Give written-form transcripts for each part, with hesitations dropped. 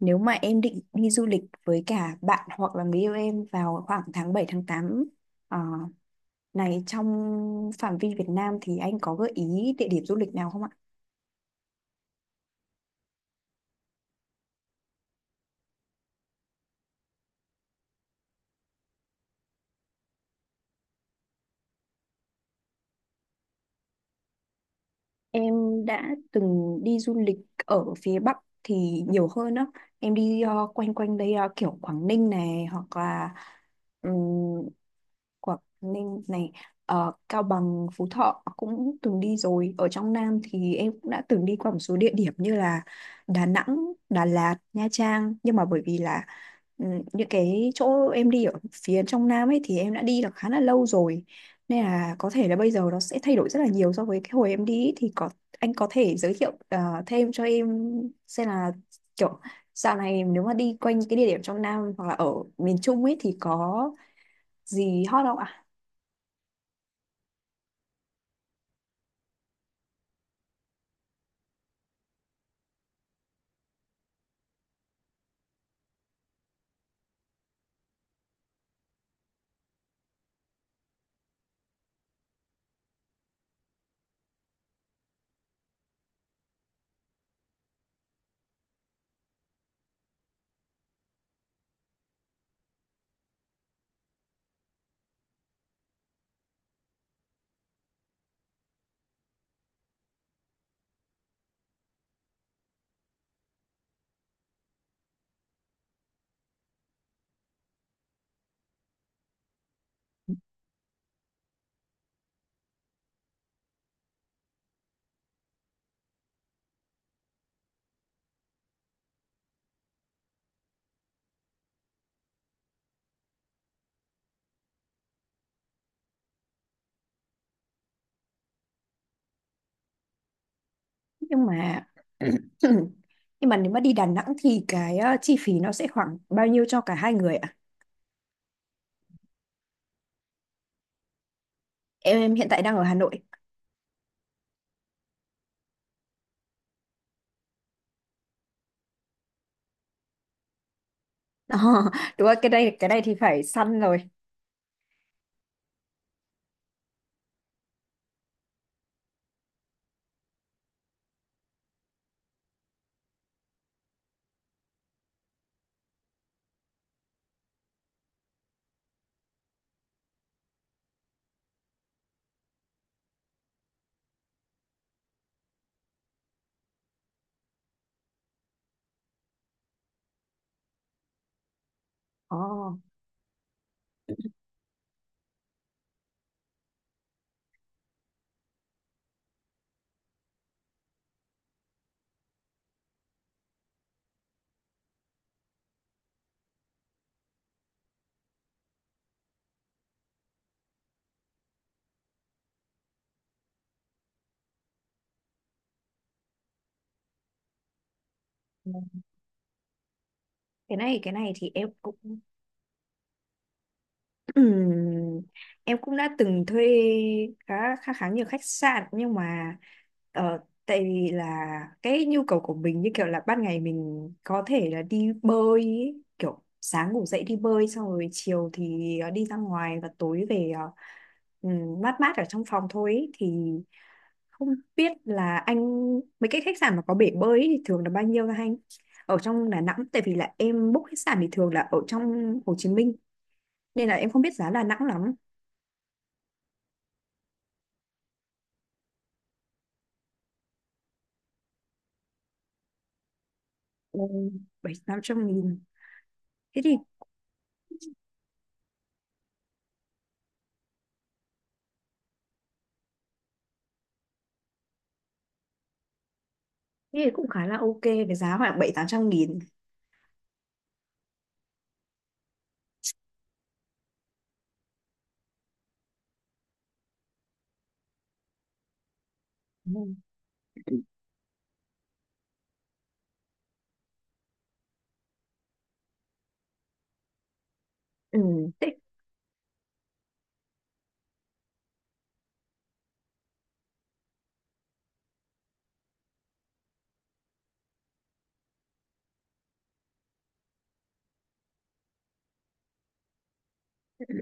Nếu mà em định đi du lịch với cả bạn hoặc là người yêu em vào khoảng tháng 7 tháng tám, ờ, này trong phạm vi Việt Nam thì anh có gợi ý địa điểm du lịch nào không ạ? Em đã từng đi du lịch ở phía Bắc thì nhiều hơn đó. Em đi quanh quanh đây, kiểu Quảng Ninh này hoặc là Quảng Ninh này ờ, Cao Bằng, Phú Thọ cũng từng đi rồi. Ở trong Nam thì em cũng đã từng đi qua một số địa điểm như là Đà Nẵng, Đà Lạt, Nha Trang, nhưng mà bởi vì là ừ, những cái chỗ em đi ở phía trong Nam ấy thì em đã đi được khá là lâu rồi, nên là có thể là bây giờ nó sẽ thay đổi rất là nhiều so với cái hồi em đi ấy. Thì có anh có thể giới thiệu thêm cho em xem là kiểu dạo này nếu mà đi quanh cái địa điểm trong Nam hoặc là ở miền Trung ấy thì có gì hot không ạ? Nhưng mà nhưng mà nếu mà đi Đà Nẵng thì cái chi phí nó sẽ khoảng bao nhiêu cho cả hai người ạ? Em hiện tại đang ở Hà Nội. Ờ, đúng rồi, cái này thì phải săn rồi. Ồ, cái này thì em cũng… Ừm, em cũng đã từng thuê khá khá khá nhiều khách sạn, nhưng mà ờ, tại vì là cái nhu cầu của mình như kiểu là ban ngày mình có thể là đi bơi ý, kiểu sáng ngủ dậy đi bơi, xong rồi chiều thì đi ra ngoài, và tối về mát mát ở trong phòng thôi ý. Thì không biết là anh mấy cái khách sạn mà có bể bơi ý thì thường là bao nhiêu hả anh, ở trong Đà Nẵng? Tại vì là em book khách sạn thì thường là ở trong Hồ Chí Minh, nên là em không biết giá Đà Nẵng lắm. Ồ, bảy tám trăm nghìn. Thế thì, thế thì cũng khá là ok với giá khoảng bảy tám trăm nghìn. Ừ. Ừ. Thế, thế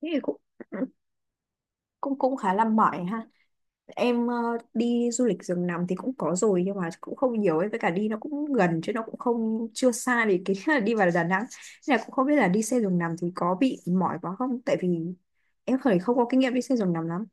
thì cũng cũng cũng khá là mỏi ha. Em đi du lịch giường nằm thì cũng có rồi, nhưng mà cũng không nhiều ấy, với cả đi nó cũng gần chứ nó cũng không chưa xa, thì cái là đi vào Đà Nẵng. Nên là cũng không biết là đi xe giường nằm thì có bị mỏi quá không, tại vì em khởi không có kinh nghiệm đi xe giường nằm lắm.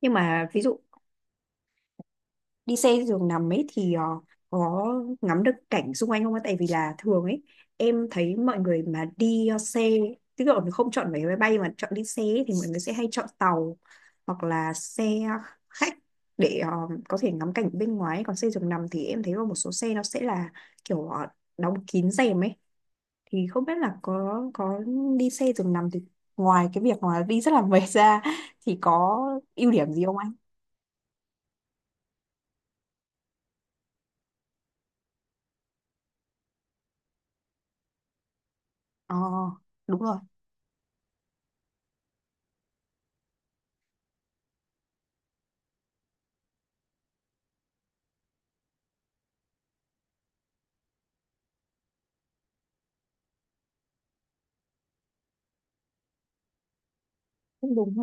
Nhưng mà ví dụ đi xe giường nằm ấy thì có ngắm được cảnh xung quanh không ạ? Tại vì là thường ấy em thấy mọi người mà đi xe, tức là không chọn vé máy bay mà chọn đi xe ấy, thì mọi người sẽ hay chọn tàu hoặc là xe khách để có thể ngắm cảnh bên ngoài. Còn xe giường nằm thì em thấy là một số xe nó sẽ là kiểu đóng kín rèm ấy, thì không biết là có đi xe giường nằm thì ngoài cái việc mà đi rất là mệt ra thì có ưu điểm gì không anh? Ờ, đúng rồi, cũng đúng.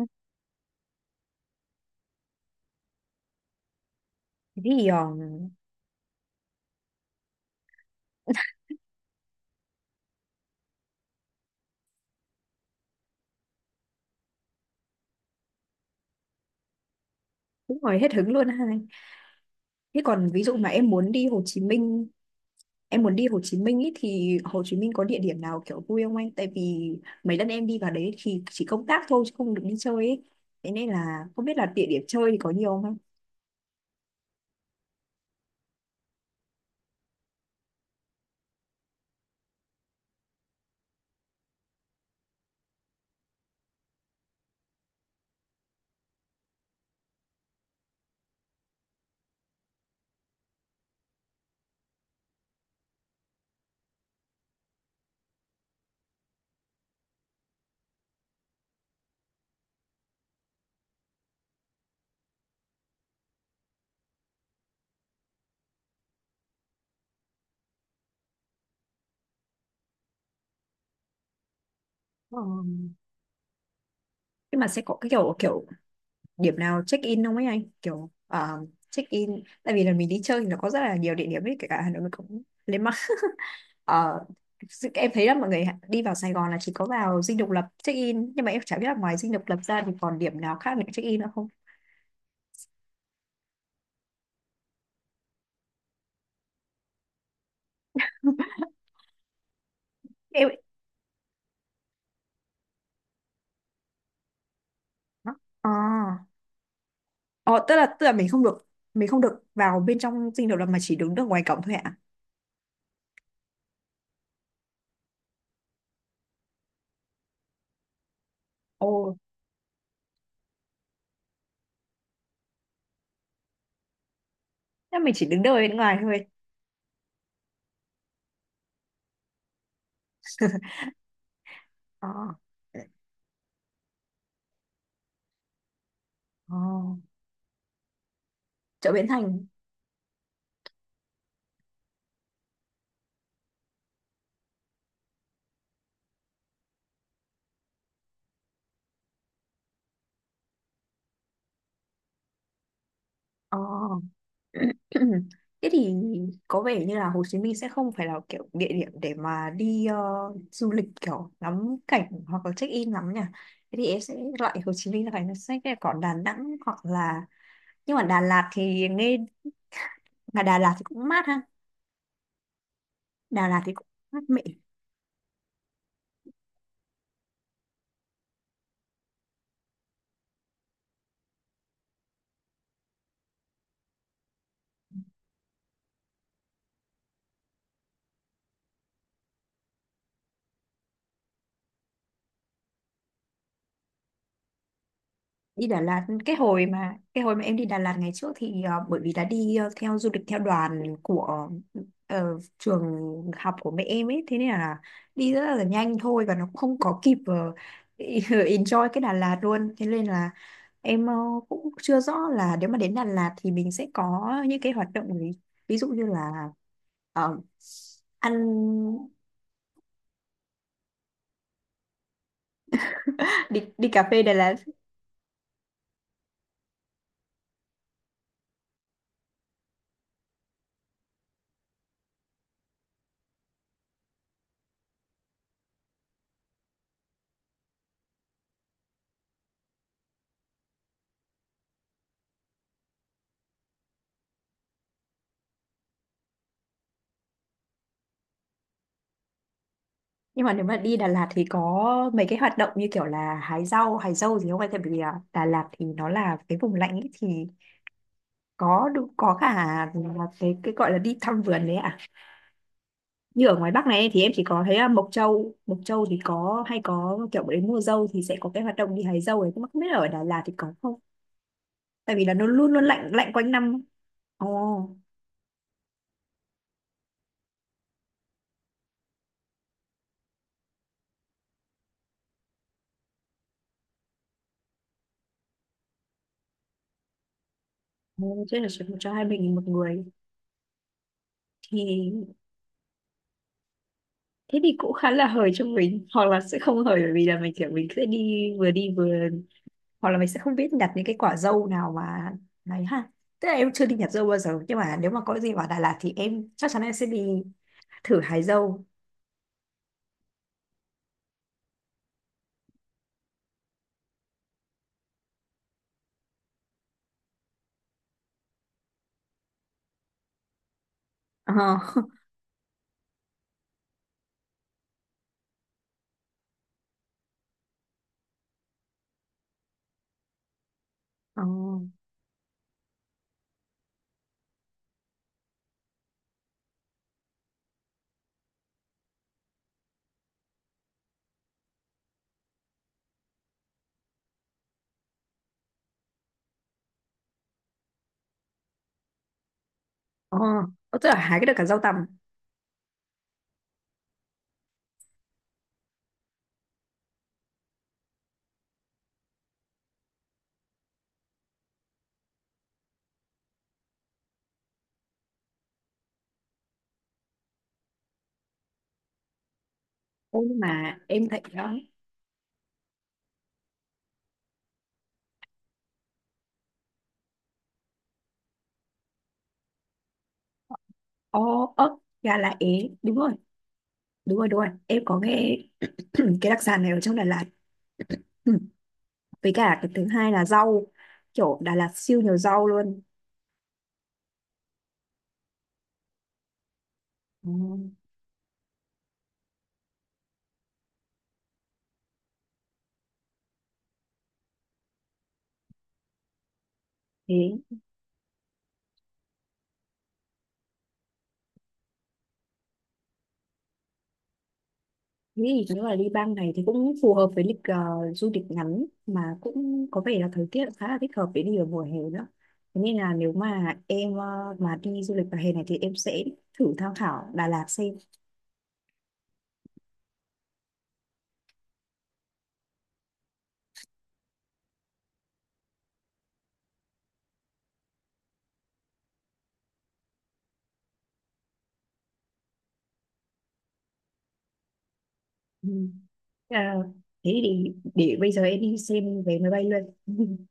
Thế thì cũng hỏi hết hứng luôn ha. Thế còn ví dụ mà em muốn đi Hồ Chí Minh, em muốn đi Hồ Chí Minh ý, thì Hồ Chí Minh có địa điểm nào kiểu vui không anh? Tại vì mấy lần em đi vào đấy thì chỉ công tác thôi chứ không được đi chơi ấy. Thế nên là không biết là địa điểm chơi thì có nhiều không anh? Ờ, nhưng mà sẽ có cái kiểu kiểu điểm nào check in không ấy anh? Kiểu check in, tại vì là mình đi chơi thì nó có rất là nhiều địa điểm ấy, kể cả Hà Nội mình cũng lên. Ờ, sự em thấy là mọi người đi vào Sài Gòn là chỉ có vào Dinh Độc Lập check in, nhưng mà em chả biết là ngoài Dinh Độc Lập ra thì còn điểm nào khác để check in nữa không. em ờ Ờ, tức là mình không được vào bên trong Dinh Độc Lập mà chỉ đứng được ngoài cổng thôi ạ? Ồ, thế mình chỉ đứng đợi bên ngoài thôi. Ờ. Ờ, chợ Bến Thành. Ờ. Thế thì có vẻ như là Hồ Chí Minh sẽ không phải là kiểu địa điểm để mà đi du lịch kiểu ngắm cảnh hoặc là check in lắm nhỉ. Thế thì em sẽ loại Hồ Chí Minh ra khỏi danh sách này, còn Đà Nẵng hoặc là… nhưng mà Đà Lạt thì nghe mà Đà Lạt thì cũng mát ha. Đà Lạt thì cũng mát mẻ. Đi Đà Lạt, cái hồi mà em đi Đà Lạt ngày trước thì bởi vì là đi theo du lịch theo đoàn của trường học của mẹ em ấy, thế nên là đi rất là nhanh thôi, và nó cũng không có kịp enjoy cái Đà Lạt luôn. Thế nên là em cũng chưa rõ là nếu mà đến Đà Lạt thì mình sẽ có những cái hoạt động gì, ví dụ như là ờ, ăn. Đi đi cà phê Đà Lạt. Nhưng mà nếu mà đi Đà Lạt thì có mấy cái hoạt động như kiểu là hái rau, hái dâu gì không anh? Tại vì à, Đà Lạt thì nó là cái vùng lạnh ấy, thì có đủ- có cả là cái gọi là đi thăm vườn đấy ạ. Như ở ngoài Bắc này thì em chỉ có thấy à, Mộc Châu, Mộc Châu thì có hay có kiểu đến mùa dâu thì sẽ có cái hoạt động đi hái dâu ấy, nhưng mà không biết là ở Đà Lạt thì có không? Tại vì là nó luôn luôn lạnh lạnh quanh năm. Ồ. Oh, thế là sẽ cho hai mình một người thì, thế thì cũng khá là hời cho mình, hoặc là sẽ không hời bởi vì là mình kiểu mình sẽ đi vừa đi vừa, hoặc là mình sẽ không biết nhặt những cái quả dâu nào mà này ha. Tức là em chưa đi nhặt dâu bao giờ, nhưng mà nếu mà có gì vào Đà Lạt thì em chắc chắn em sẽ đi thử hái dâu. ờ ờ Ờ, tức là hái cái được cả dâu tằm. Ô, nhưng mà em thấy đó ờ ớt, gà lá é. Đúng rồi, đúng rồi đúng rồi, em có nghe cái đặc sản này ở trong Đà Lạt. Ừ. Với cả cái thứ hai là rau, kiểu Đà Lạt siêu nhiều rau luôn. Ừ. Thế. Thế thì nếu là đi bang này thì cũng phù hợp với lịch du lịch ngắn, mà cũng có vẻ là thời tiết khá là thích hợp để đi vào mùa hè nữa. Thế nên là nếu mà em mà đi du lịch vào hè này thì em sẽ thử tham khảo Đà Lạt xem. Ừ. Ờ, thế thì để bây giờ em đi xem vé máy bay luôn.